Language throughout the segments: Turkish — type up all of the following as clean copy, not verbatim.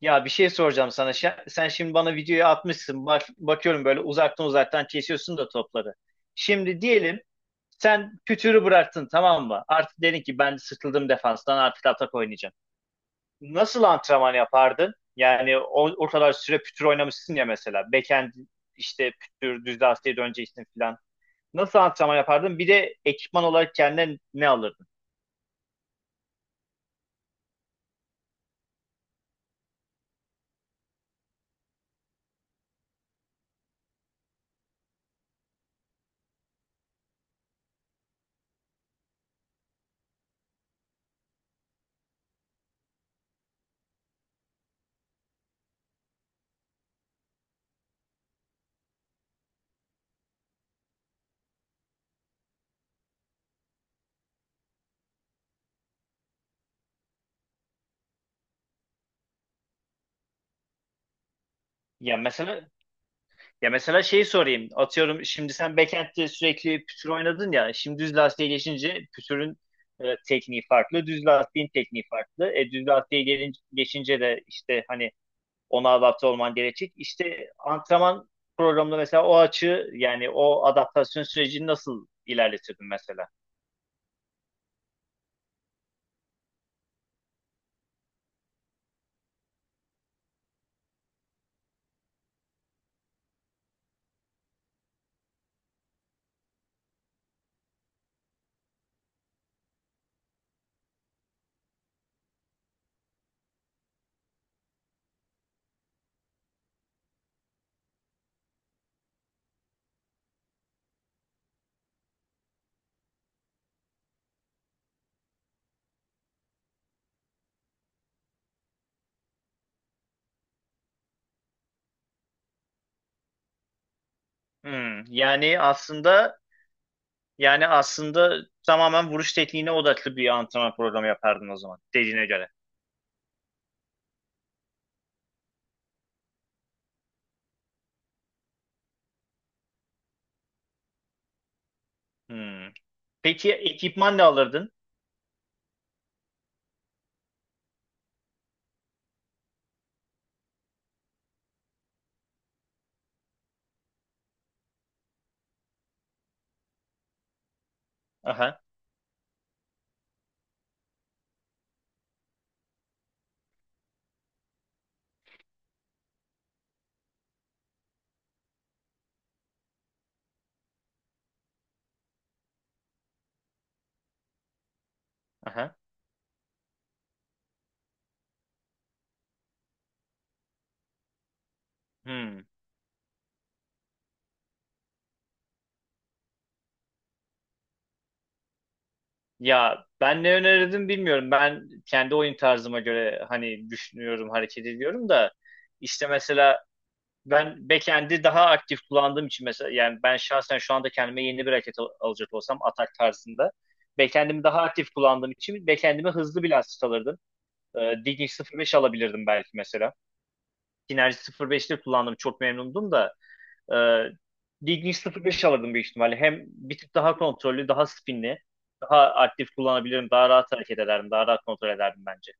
Ya bir şey soracağım sana. Sen şimdi bana videoyu atmışsın. Bak, bakıyorum böyle uzaktan uzaktan kesiyorsun da topları. Şimdi diyelim sen pütürü bıraktın, tamam mı? Artık dedin ki ben sıkıldım defanstan, artık atak oynayacağım. Nasıl antrenman yapardın? Yani o kadar süre pütür oynamışsın ya, mesela. Backhand işte, pütür, düz lastiğe döneceksin falan. Nasıl antrenman yapardın? Bir de ekipman olarak kendine ne alırdın? Ya mesela, ya mesela şeyi sorayım. Atıyorum, şimdi sen backend'de sürekli pütür oynadın ya. Şimdi düz lastiğe geçince pütürün tekniği farklı. Düz lastiğin tekniği farklı. Düz lastiğe gelince, geçince de işte hani ona adapte olman gerekecek. İşte antrenman programında mesela o açı, yani o adaptasyon sürecini nasıl ilerletirdin mesela? Hmm, yani aslında, yani aslında tamamen vuruş tekniğine odaklı bir antrenman programı yapardın o zaman dediğine göre. Hmm. Peki ekipman ne alırdın? Aha. Aha. Hmm. Ya ben ne önerirdim bilmiyorum. Ben kendi oyun tarzıma göre hani düşünüyorum, hareket ediyorum da işte mesela ben backend'i daha aktif kullandığım için, mesela yani ben şahsen şu anda kendime yeni bir hareket alacak olsam atak tarzında backend'imi daha aktif kullandığım için backend'ime hızlı bir lastik alırdım. Digging 05 alabilirdim belki mesela. Synergy 05'te kullandım, çok memnundum da Ee, Diggs 0.5 alırdım büyük ihtimalle. Hem bir tık daha kontrollü, daha spinli, daha aktif kullanabilirim, daha rahat hareket ederdim, daha rahat kontrol ederdim bence.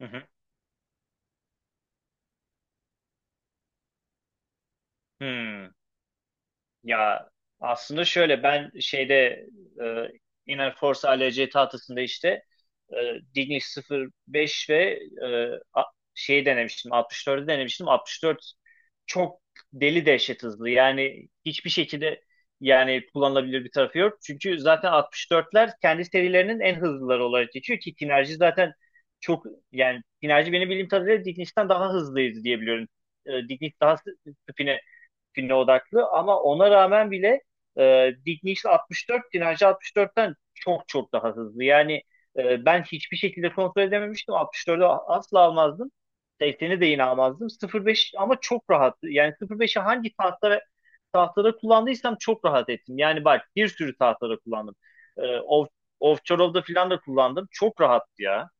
Hı hı. Hmm. Ya aslında şöyle, ben şeyde e, Inner Force ALC tahtasında işte e, Dignic 05 ve şeyi denemiştim, 64'ü denemiştim. 64 çok deli dehşet hızlı, yani hiçbir şekilde, yani kullanılabilir bir tarafı yok. Çünkü zaten 64'ler kendi serilerinin en hızlıları olarak geçiyor ki Kinerji zaten çok, yani Kinerji benim bildiğim kadarıyla Dignic'ten daha hızlıydı diye biliyorum. Dignic daha spin'e güne odaklı, ama ona rağmen bile Dick Nichols 64 Dinarcı 64'ten çok çok daha hızlı. Yani ben hiçbir şekilde kontrol edememiştim. 64'ü asla almazdım. 80'i de yine almazdım. 05 ama çok rahat. Yani 05'i hangi tahtada kullandıysam çok rahat ettim. Yani bak, bir sürü tahtada kullandım. E, off, Ovçarov'da falan da kullandım. Çok rahattı ya.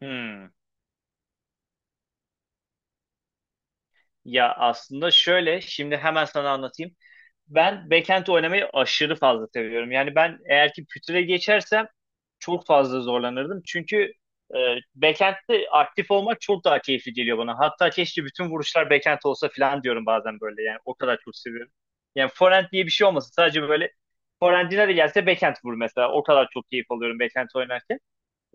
Hmm. Ya aslında şöyle, şimdi hemen sana anlatayım. Ben backend oynamayı aşırı fazla seviyorum. Yani ben eğer ki pütüre geçersem çok fazla zorlanırdım. Çünkü e, backend'de aktif olmak çok daha keyifli geliyor bana. Hatta keşke bütün vuruşlar backend olsa falan diyorum bazen böyle. Yani o kadar çok seviyorum. Yani forend diye bir şey olmasın. Sadece böyle forendine de gelse backend vur mesela. O kadar çok keyif alıyorum backend oynarken.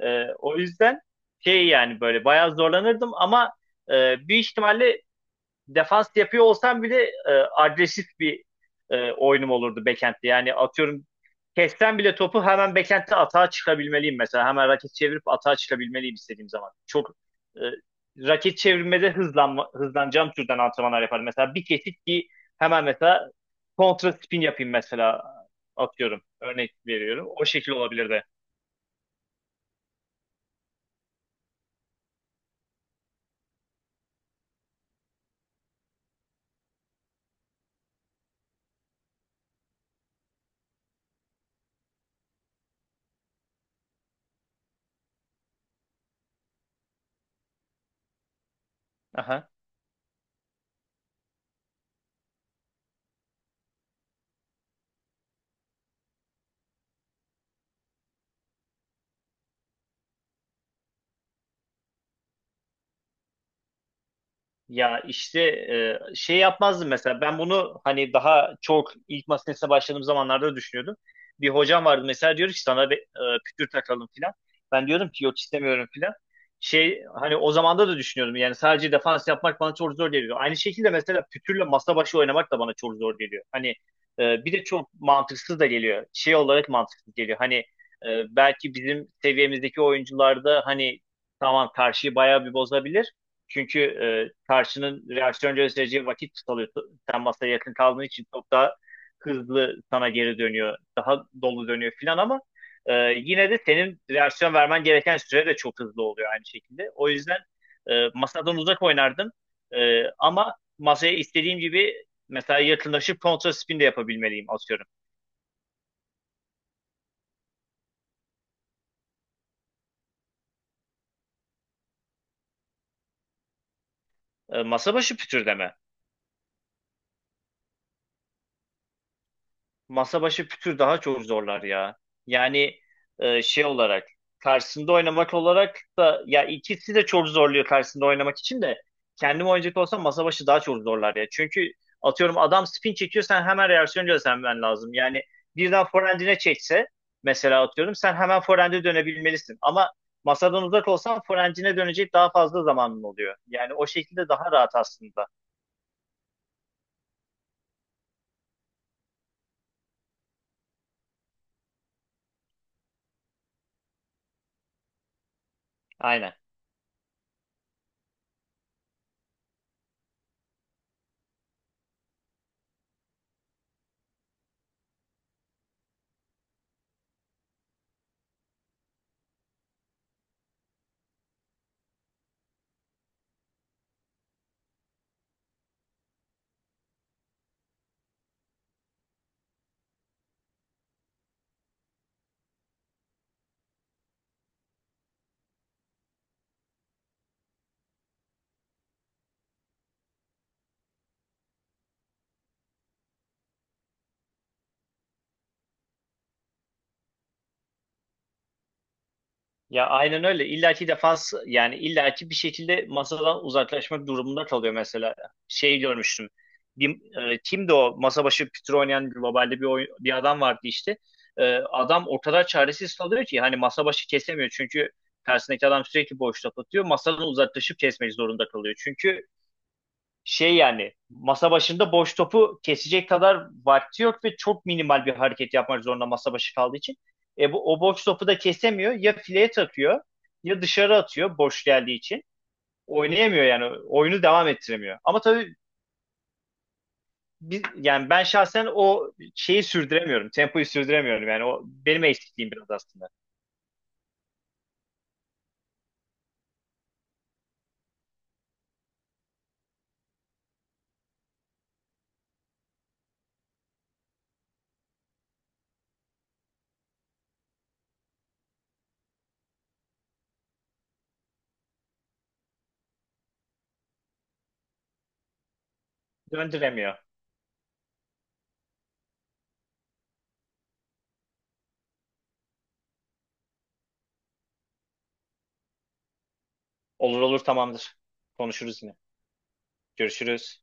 O yüzden şey, yani böyle bayağı zorlanırdım ama büyük ihtimalle defans yapıyor olsam bile agresif bir oyunum olurdu backend'de. Yani atıyorum, kessem bile topu hemen backend'de atağa çıkabilmeliyim mesela. Hemen raket çevirip atağa çıkabilmeliyim istediğim zaman. Çok e, raket çevirmede hızlanma, hızlanacağım türden antrenmanlar yaparım. Mesela bir kesit ki hemen mesela kontra spin yapayım mesela, atıyorum. Örnek veriyorum. O şekil olabilir de. Aha. Ya işte şey yapmazdım mesela, ben bunu hani daha çok ilk masa başladığım zamanlarda düşünüyordum. Bir hocam vardı mesela, diyor ki sana bir pütür takalım filan. Ben diyorum ki yok, istemiyorum filan. Şey, hani o zamanda da düşünüyordum yani sadece defans yapmak bana çok zor geliyor. Aynı şekilde mesela pütürle masa başı oynamak da bana çok zor geliyor. Hani bir de çok mantıksız da geliyor. Şey olarak mantıksız geliyor. Hani belki bizim seviyemizdeki oyuncularda hani, tamam, karşıyı bayağı bir bozabilir. Çünkü karşının reaksiyon göstereceği vakit tutalıyor. Sen masaya yakın kaldığın için çok daha hızlı sana geri dönüyor. Daha dolu dönüyor filan, ama e, yine de senin reaksiyon vermen gereken süre de çok hızlı oluyor aynı şekilde. O yüzden masadan uzak oynardım. Ama masaya istediğim gibi mesela yakınlaşıp kontra spin de yapabilmeliyim atıyorum. Masa başı pütürdeme. Masa başı pütür daha çok zorlar ya. Yani şey olarak karşısında oynamak olarak da, ya ikisi de çok zorluyor. Karşısında oynamak için de kendim oynayacak olsam masa başı daha çok zorlar ya. Çünkü atıyorum adam spin çekiyor, sen hemen reaksiyon göstermen lazım. Yani birden forehand'ine çekse mesela, atıyorum, sen hemen forehand'e dönebilmelisin. Ama masadan uzak olsan forehand'ine dönecek daha fazla zamanın oluyor. Yani o şekilde daha rahat aslında. Aynen. Ya aynen öyle. İllaki defans, yani illaki bir şekilde masadan uzaklaşmak durumunda kalıyor mesela. Şey görmüştüm. Bir, kimdi o masa başı pütür oynayan globalde bir adam vardı işte. Adam o kadar çaresiz kalıyor ki hani masa başı kesemiyor, çünkü karşısındaki adam sürekli boşluk atıyor. Masadan uzaklaşıp kesmek zorunda kalıyor. Çünkü şey, yani masa başında boş topu kesecek kadar vakti yok ve çok minimal bir hareket yapmak zorunda masa başı kaldığı için. E bu, o boş topu da kesemiyor. Ya fileye takıyor, ya dışarı atıyor boş geldiği için. Oynayamıyor yani. Oyunu devam ettiremiyor. Ama tabii yani ben şahsen o şeyi sürdüremiyorum. Tempoyu sürdüremiyorum. Yani o benim eksikliğim biraz aslında. Döndüremiyor. Olur olur, tamamdır. Konuşuruz yine. Görüşürüz.